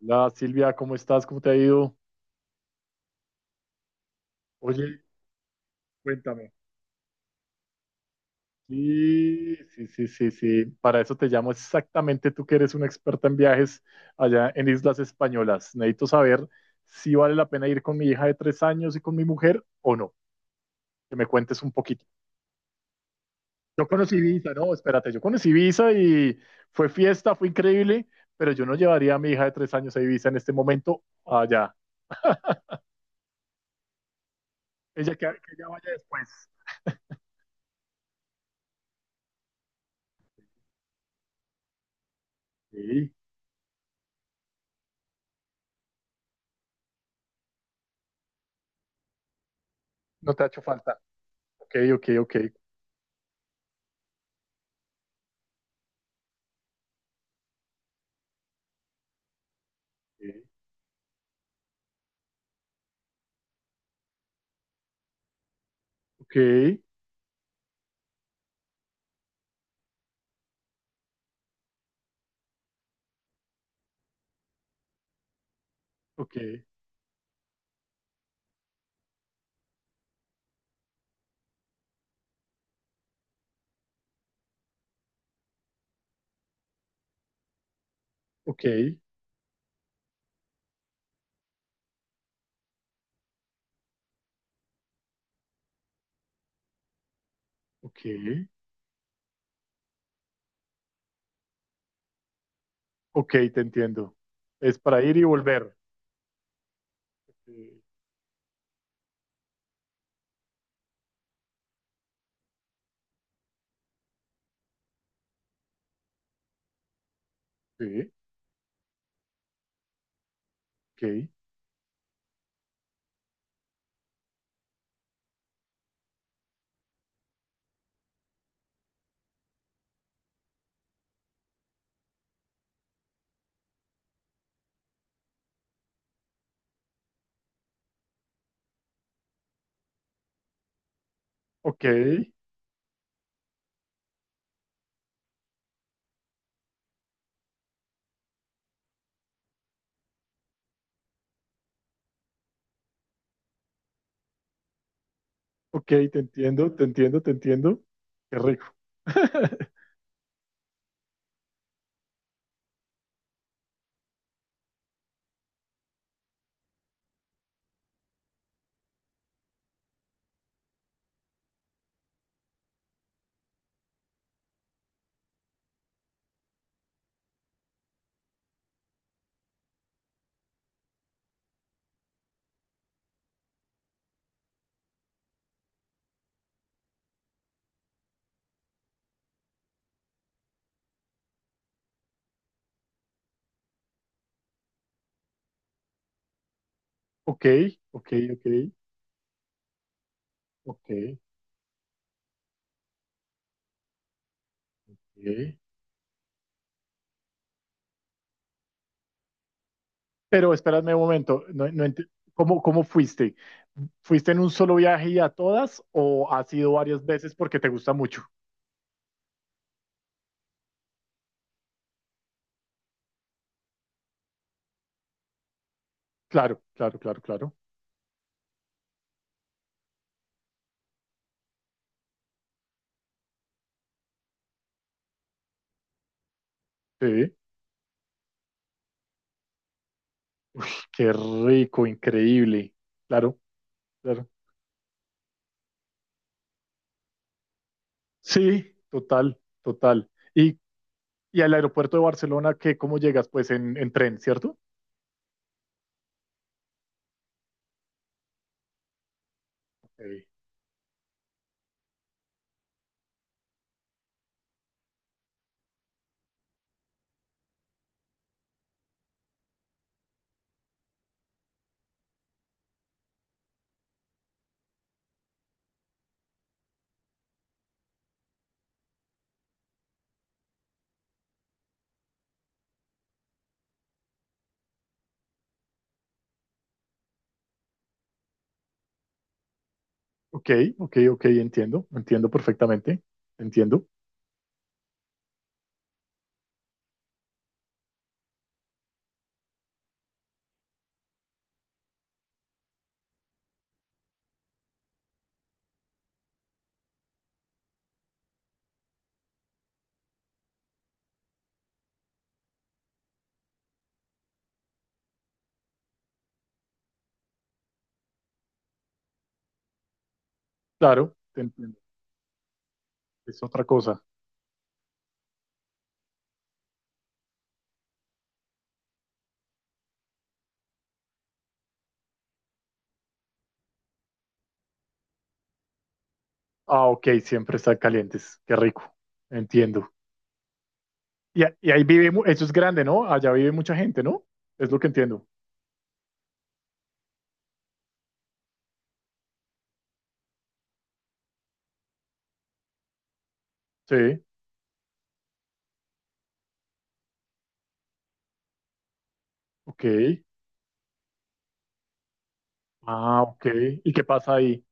Hola Silvia, ¿cómo estás? ¿Cómo te ha ido? Oye, cuéntame. Sí, sí, sí, sí, sí. Para eso te llamo exactamente, tú que eres una experta en viajes allá en Islas Españolas. Necesito saber si vale la pena ir con mi hija de 3 años y con mi mujer o no. Que me cuentes un poquito. Yo conocí Ibiza, no, espérate, yo conocí Ibiza y fue fiesta, fue increíble, pero yo no llevaría a mi hija de 3 años a Ibiza en este momento allá. Ella que ella vaya después. Sí, no te ha hecho falta. Ok, ok, ok. Ok. Ok, ok, ok, ok, ok, te entiendo. Es para ir y volver. Sí, sí, ok, ok, ok, te entiendo, te entiendo, te entiendo. Qué rico. Ok, ok, ok, ok. Pero espérame un momento, no, no ¿cómo, cómo fuiste? ¿Fuiste en un solo viaje y a todas o has ido varias veces porque te gusta mucho? Claro, claro, claro, claro. Sí, qué rico, increíble. Claro, claro. Sí, total, total. Y al aeropuerto de Barcelona, ¿qué, cómo llegas? Pues en tren, ¿cierto? Ok, ok, ok, ok, entiendo, entiendo perfectamente, entiendo. Claro, te entiendo. Es otra cosa. Ah, ok, siempre están calientes. Qué rico. Entiendo. Y ahí vive, eso es grande, ¿no? Allá vive mucha gente, ¿no? Es lo que entiendo. Sí, ok. Ah, ok. ¿Y qué pasa ahí?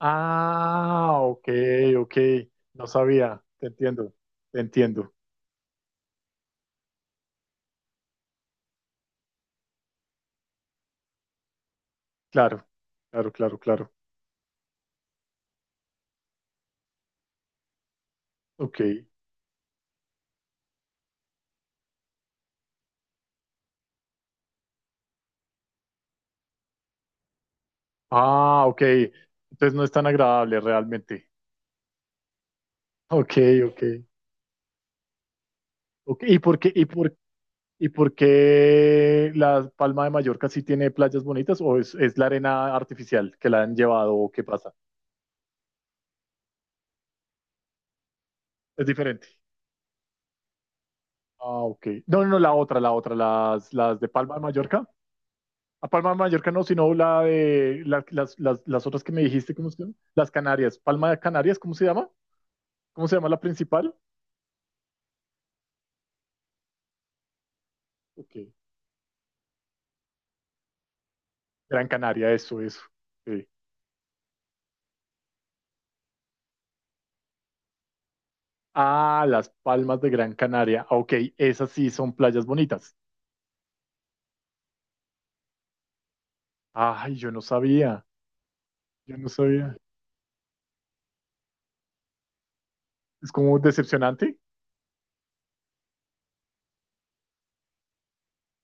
Ah, ok, ok. No sabía. Te entiendo. Te entiendo. Claro, claro, claro, claro. Ok. Ah, ok. Entonces no es tan agradable realmente. Ok, ok. Ok. ¿Y por qué la Palma de Mallorca sí tiene playas bonitas o es la arena artificial que la han llevado o qué pasa? Es diferente. Ah, ok. No, no, no, la otra, las de Palma de Mallorca. A Palma de Mallorca no, sino la de las otras que me dijiste, ¿cómo se llama? Las Canarias. Palma de Canarias, ¿cómo se llama? ¿Cómo se llama la principal? Ok. Gran Canaria, eso, eso. Sí. Ah, las Palmas de Gran Canaria. Ok, esas sí son playas bonitas. Ay, yo no sabía, yo no sabía. Es como decepcionante.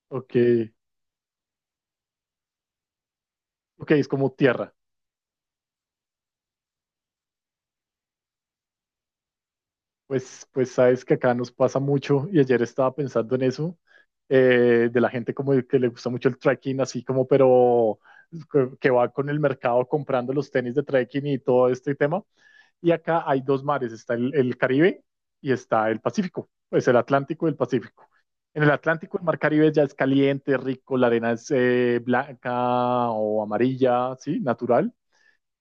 Ok, ok, es como tierra. Pues sabes que acá nos pasa mucho y ayer estaba pensando en eso, de la gente como que le gusta mucho el trekking, así como, pero que va con el mercado comprando los tenis de trekking y todo este tema. Y acá hay dos mares, está el Caribe y está el Pacífico, pues el Atlántico y el Pacífico. En el Atlántico, el mar Caribe ya es caliente, rico, la arena es blanca o amarilla, sí, natural,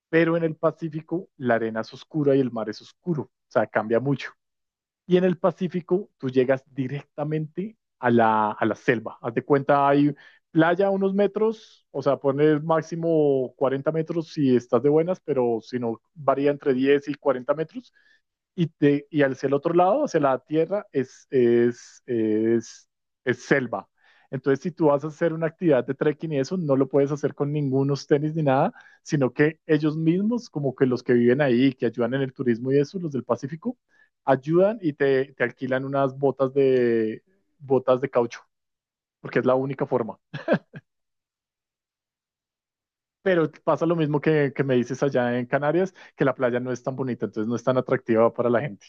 pero en el Pacífico la arena es oscura y el mar es oscuro, o sea, cambia mucho. Y en el Pacífico tú llegas directamente a la selva. Haz de cuenta, hay playa a unos metros, o sea, pones máximo 40 metros si estás de buenas, pero si no, varía entre 10 y 40 metros y hacia el otro lado, hacia la tierra, es selva. Entonces, si tú vas a hacer una actividad de trekking y eso, no lo puedes hacer con ningunos tenis ni nada, sino que ellos mismos, como que los que viven ahí, que ayudan en el turismo y eso, los del Pacífico, ayudan y te alquilan unas botas de caucho, porque es la única forma. Pero pasa lo mismo que me dices allá en Canarias, que la playa no es tan bonita, entonces no es tan atractiva para la gente.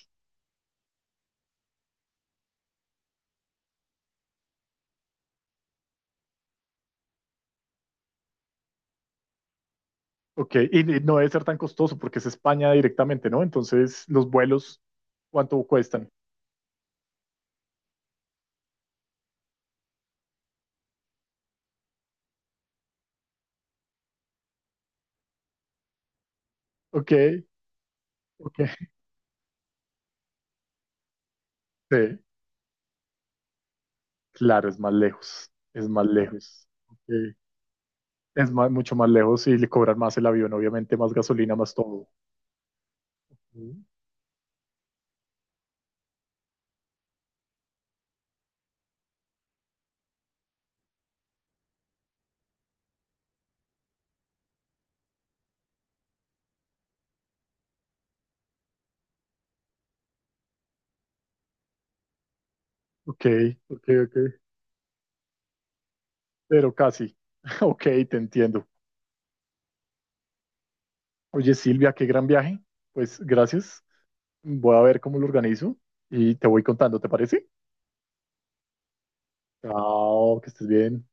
Ok, y no debe ser tan costoso porque es España directamente, ¿no? Entonces, los vuelos, ¿cuánto cuestan? Ok, ok. Sí, claro, es más lejos, es más lejos. Ok. Es más mucho más lejos y le cobran más el avión, obviamente, más gasolina, más todo. Mm. Ok, ok, ok. Pero casi. Ok, te entiendo. Oye, Silvia, qué gran viaje. Pues gracias. Voy a ver cómo lo organizo y te voy contando, ¿te parece? Chao, que estés bien.